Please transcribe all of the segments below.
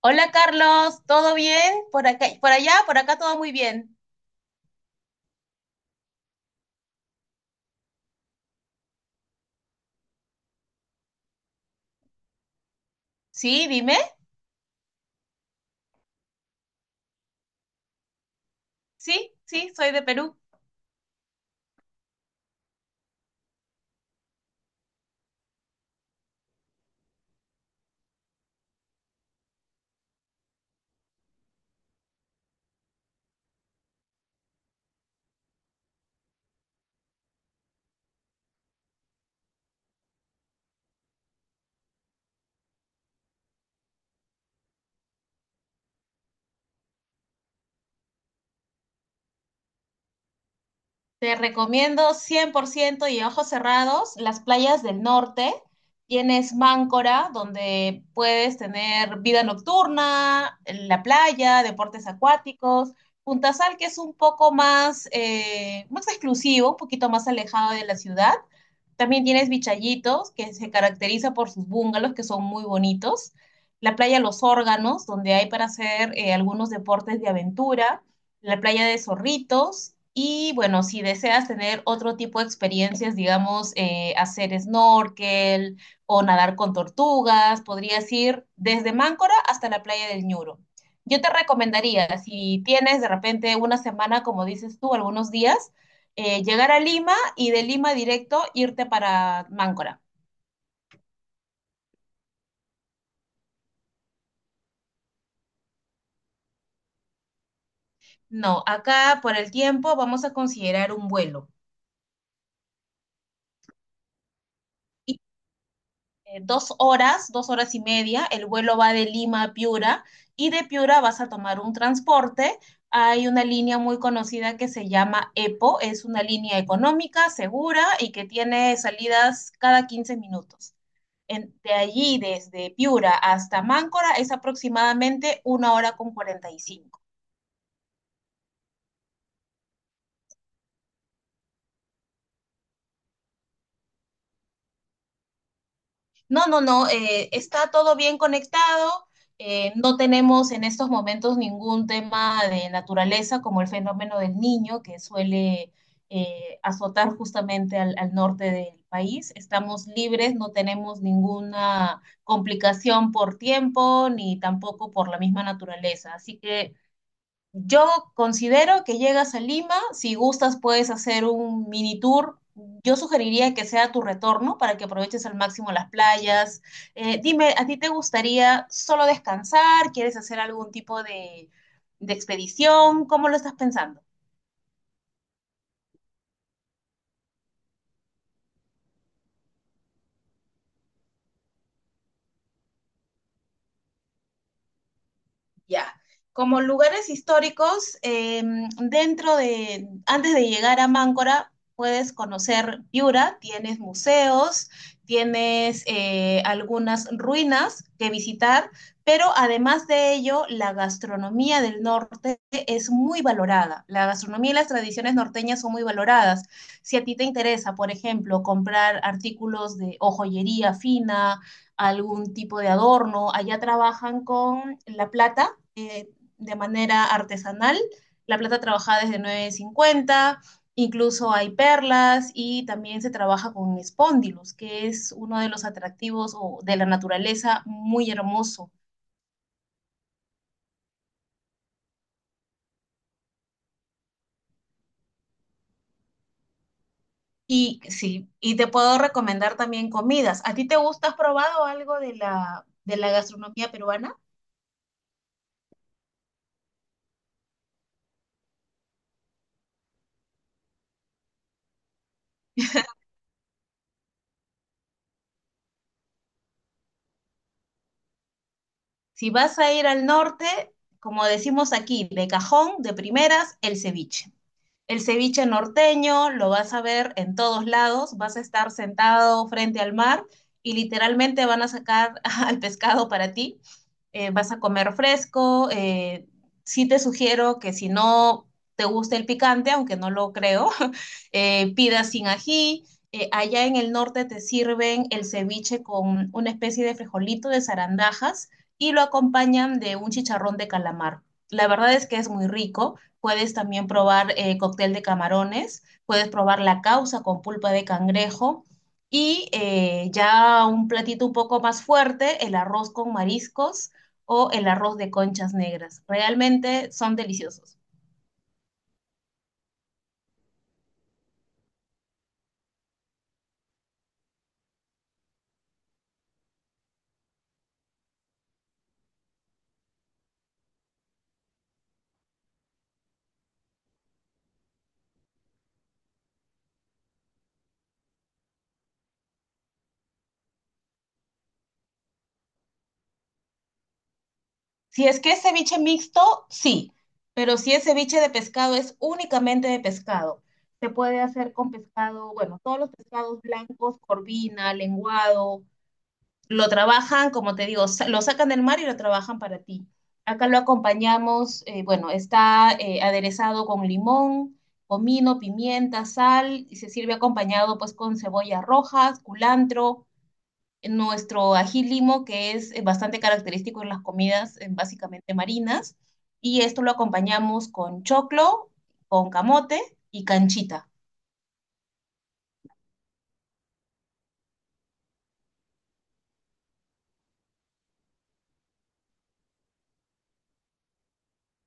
Hola Carlos, ¿todo bien? ¿Por acá, por allá? Por acá todo muy bien. Sí, dime. Sí, sí, soy de Perú. Te recomiendo 100% y ojos cerrados las playas del norte. Tienes Máncora, donde puedes tener vida nocturna, la playa, deportes acuáticos. Punta Sal, que es un poco más exclusivo, un poquito más alejado de la ciudad. También tienes Vichayitos, que se caracteriza por sus bungalows, que son muy bonitos. La playa Los Órganos, donde hay para hacer algunos deportes de aventura. La playa de Zorritos. Y bueno, si deseas tener otro tipo de experiencias, digamos, hacer snorkel o nadar con tortugas, podrías ir desde Máncora hasta la playa del Ñuro. Yo te recomendaría, si tienes de repente una semana, como dices tú, algunos días, llegar a Lima y de Lima directo irte para Máncora. No, acá por el tiempo vamos a considerar un vuelo. Dos horas, dos horas y media. El vuelo va de Lima a Piura y de Piura vas a tomar un transporte. Hay una línea muy conocida que se llama EPO, es una línea económica, segura y que tiene salidas cada 15 minutos. De allí, desde Piura hasta Máncora, es aproximadamente 1 hora con 45. No, no, no, está todo bien conectado. No tenemos en estos momentos ningún tema de naturaleza como el fenómeno del niño que suele azotar justamente al norte del país. Estamos libres, no tenemos ninguna complicación por tiempo ni tampoco por la misma naturaleza. Así que yo considero que llegas a Lima, si gustas puedes hacer un mini tour. Yo sugeriría que sea tu retorno para que aproveches al máximo las playas. Dime, ¿a ti te gustaría solo descansar? ¿Quieres hacer algún tipo de expedición? ¿Cómo lo estás pensando? Ya. Como lugares históricos, antes de llegar a Máncora, puedes conocer Piura, tienes museos, tienes algunas ruinas que visitar, pero además de ello, la gastronomía del norte es muy valorada. La gastronomía y las tradiciones norteñas son muy valoradas. Si a ti te interesa, por ejemplo, comprar artículos de o joyería fina, algún tipo de adorno, allá trabajan con la plata eh, de manera artesanal, la plata trabajada es de 950. Incluso hay perlas y también se trabaja con spondylus, que es uno de los atractivos o de la naturaleza muy hermoso. Y sí, y te puedo recomendar también comidas. ¿A ti te gusta? ¿Has probado algo de la gastronomía peruana? Si vas a ir al norte, como decimos aquí, de cajón, de primeras, el ceviche. El ceviche norteño lo vas a ver en todos lados, vas a estar sentado frente al mar y literalmente van a sacar al pescado para ti. Vas a comer fresco. Sí te sugiero que si no te gusta el picante, aunque no lo creo, pidas sin ají. Allá en el norte te sirven el ceviche con una especie de frijolito de zarandajas y lo acompañan de un chicharrón de calamar. La verdad es que es muy rico. Puedes también probar cóctel de camarones, puedes probar la causa con pulpa de cangrejo y ya un platito un poco más fuerte, el arroz con mariscos o el arroz de conchas negras. Realmente son deliciosos. Si es que es ceviche mixto, sí, pero si es ceviche de pescado, es únicamente de pescado. Se puede hacer con pescado, bueno, todos los pescados blancos, corvina, lenguado, lo trabajan, como te digo, lo sacan del mar y lo trabajan para ti. Acá lo acompañamos, bueno, está aderezado con limón, comino, pimienta, sal, y se sirve acompañado pues con cebollas rojas, culantro, nuestro ají limo, que es bastante característico en las comidas básicamente marinas, y esto lo acompañamos con choclo, con camote y canchita.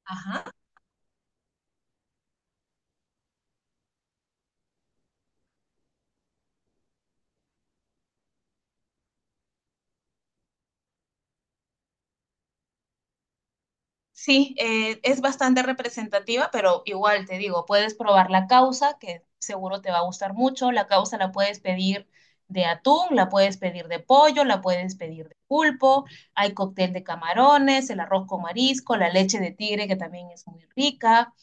Ajá. Sí, es bastante representativa, pero igual te digo, puedes probar la causa, que seguro te va a gustar mucho. La causa la puedes pedir de atún, la puedes pedir de pollo, la puedes pedir de pulpo. Hay cóctel de camarones, el arroz con marisco, la leche de tigre, que también es muy rica.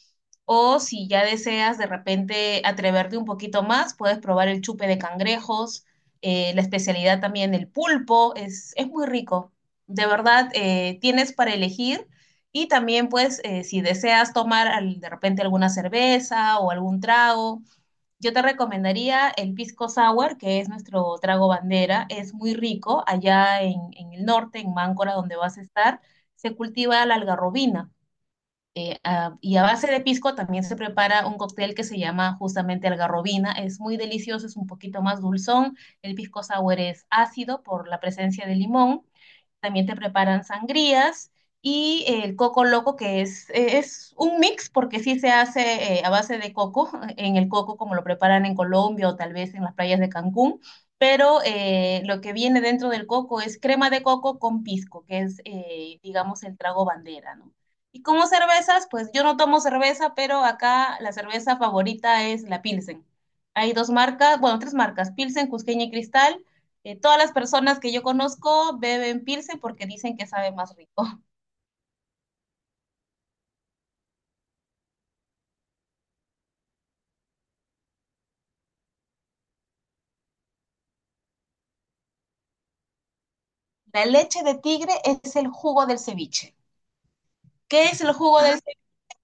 O si ya deseas de repente atreverte un poquito más, puedes probar el chupe de cangrejos, la especialidad también el pulpo, es muy rico. De verdad, tienes para elegir y también pues si deseas tomar de repente alguna cerveza o algún trago, yo te recomendaría el pisco sour, que es nuestro trago bandera, es muy rico allá en el norte, en Máncora, donde vas a estar, se cultiva la algarrobina. Ah, y a base de pisco también se prepara un cóctel que se llama justamente algarrobina. Es muy delicioso, es un poquito más dulzón. El pisco sour es ácido por la presencia de limón. También te preparan sangrías y el coco loco, que es un mix, porque sí se hace a base de coco, en el coco como lo preparan en Colombia o tal vez en las playas de Cancún, pero lo que viene dentro del coco es crema de coco con pisco, que es, digamos, el trago bandera, ¿no? Y como cervezas, pues yo no tomo cerveza, pero acá la cerveza favorita es la Pilsen. Hay dos marcas, bueno, tres marcas, Pilsen, Cusqueña y Cristal. Todas las personas que yo conozco beben Pilsen porque dicen que sabe más rico. La leche de tigre es el jugo del ceviche. ¿Qué es el jugo del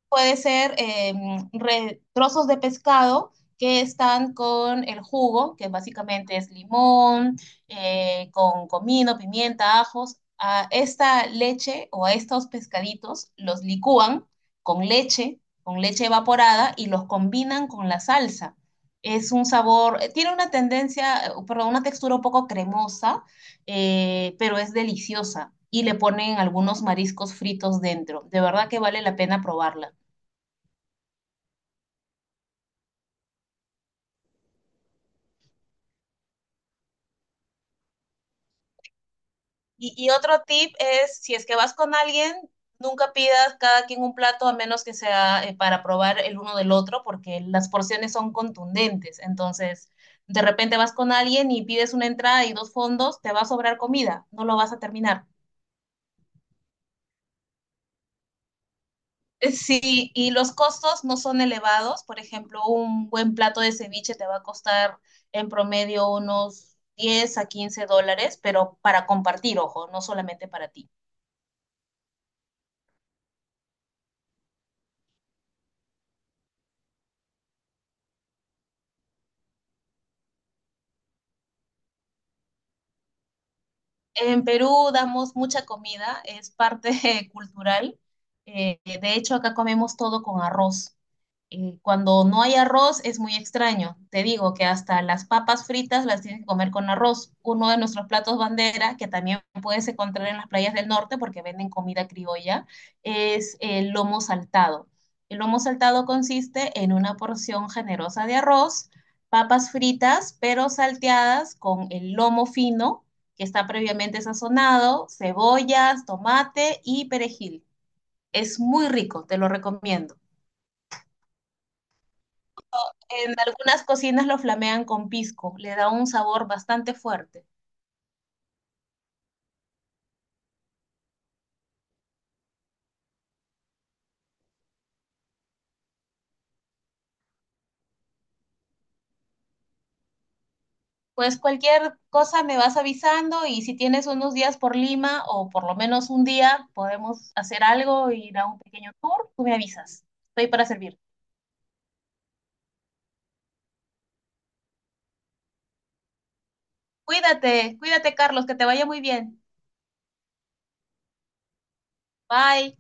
puede ser trozos de pescado que están con el jugo, que básicamente es limón, con comino, pimienta, ajos. A esta leche o a estos pescaditos los licúan con leche evaporada y los combinan con la salsa. Es un sabor, tiene una tendencia, perdón, una textura un poco cremosa, pero es deliciosa. Y le ponen algunos mariscos fritos dentro. De verdad que vale la pena probarla. Y otro tip es, si es que vas con alguien, nunca pidas cada quien un plato a menos que sea para probar el uno del otro, porque las porciones son contundentes. Entonces, de repente vas con alguien y pides una entrada y dos fondos, te va a sobrar comida, no lo vas a terminar. Sí, y los costos no son elevados. Por ejemplo, un buen plato de ceviche te va a costar en promedio unos 10 a 15 dólares, pero para compartir, ojo, no solamente para ti. En Perú damos mucha comida, es parte cultural. De hecho, acá comemos todo con arroz. Cuando no hay arroz es muy extraño. Te digo que hasta las papas fritas las tienes que comer con arroz. Uno de nuestros platos bandera, que también puedes encontrar en las playas del norte porque venden comida criolla, es el lomo saltado. El lomo saltado consiste en una porción generosa de arroz, papas fritas, pero salteadas con el lomo fino, que está previamente sazonado, cebollas, tomate y perejil. Es muy rico, te lo recomiendo. En algunas cocinas lo flamean con pisco, le da un sabor bastante fuerte. Pues cualquier cosa me vas avisando y si tienes unos días por Lima o por lo menos un día, podemos hacer algo, ir a un pequeño tour, tú me avisas. Estoy para servir. Cuídate, cuídate Carlos, que te vaya muy bien. Bye.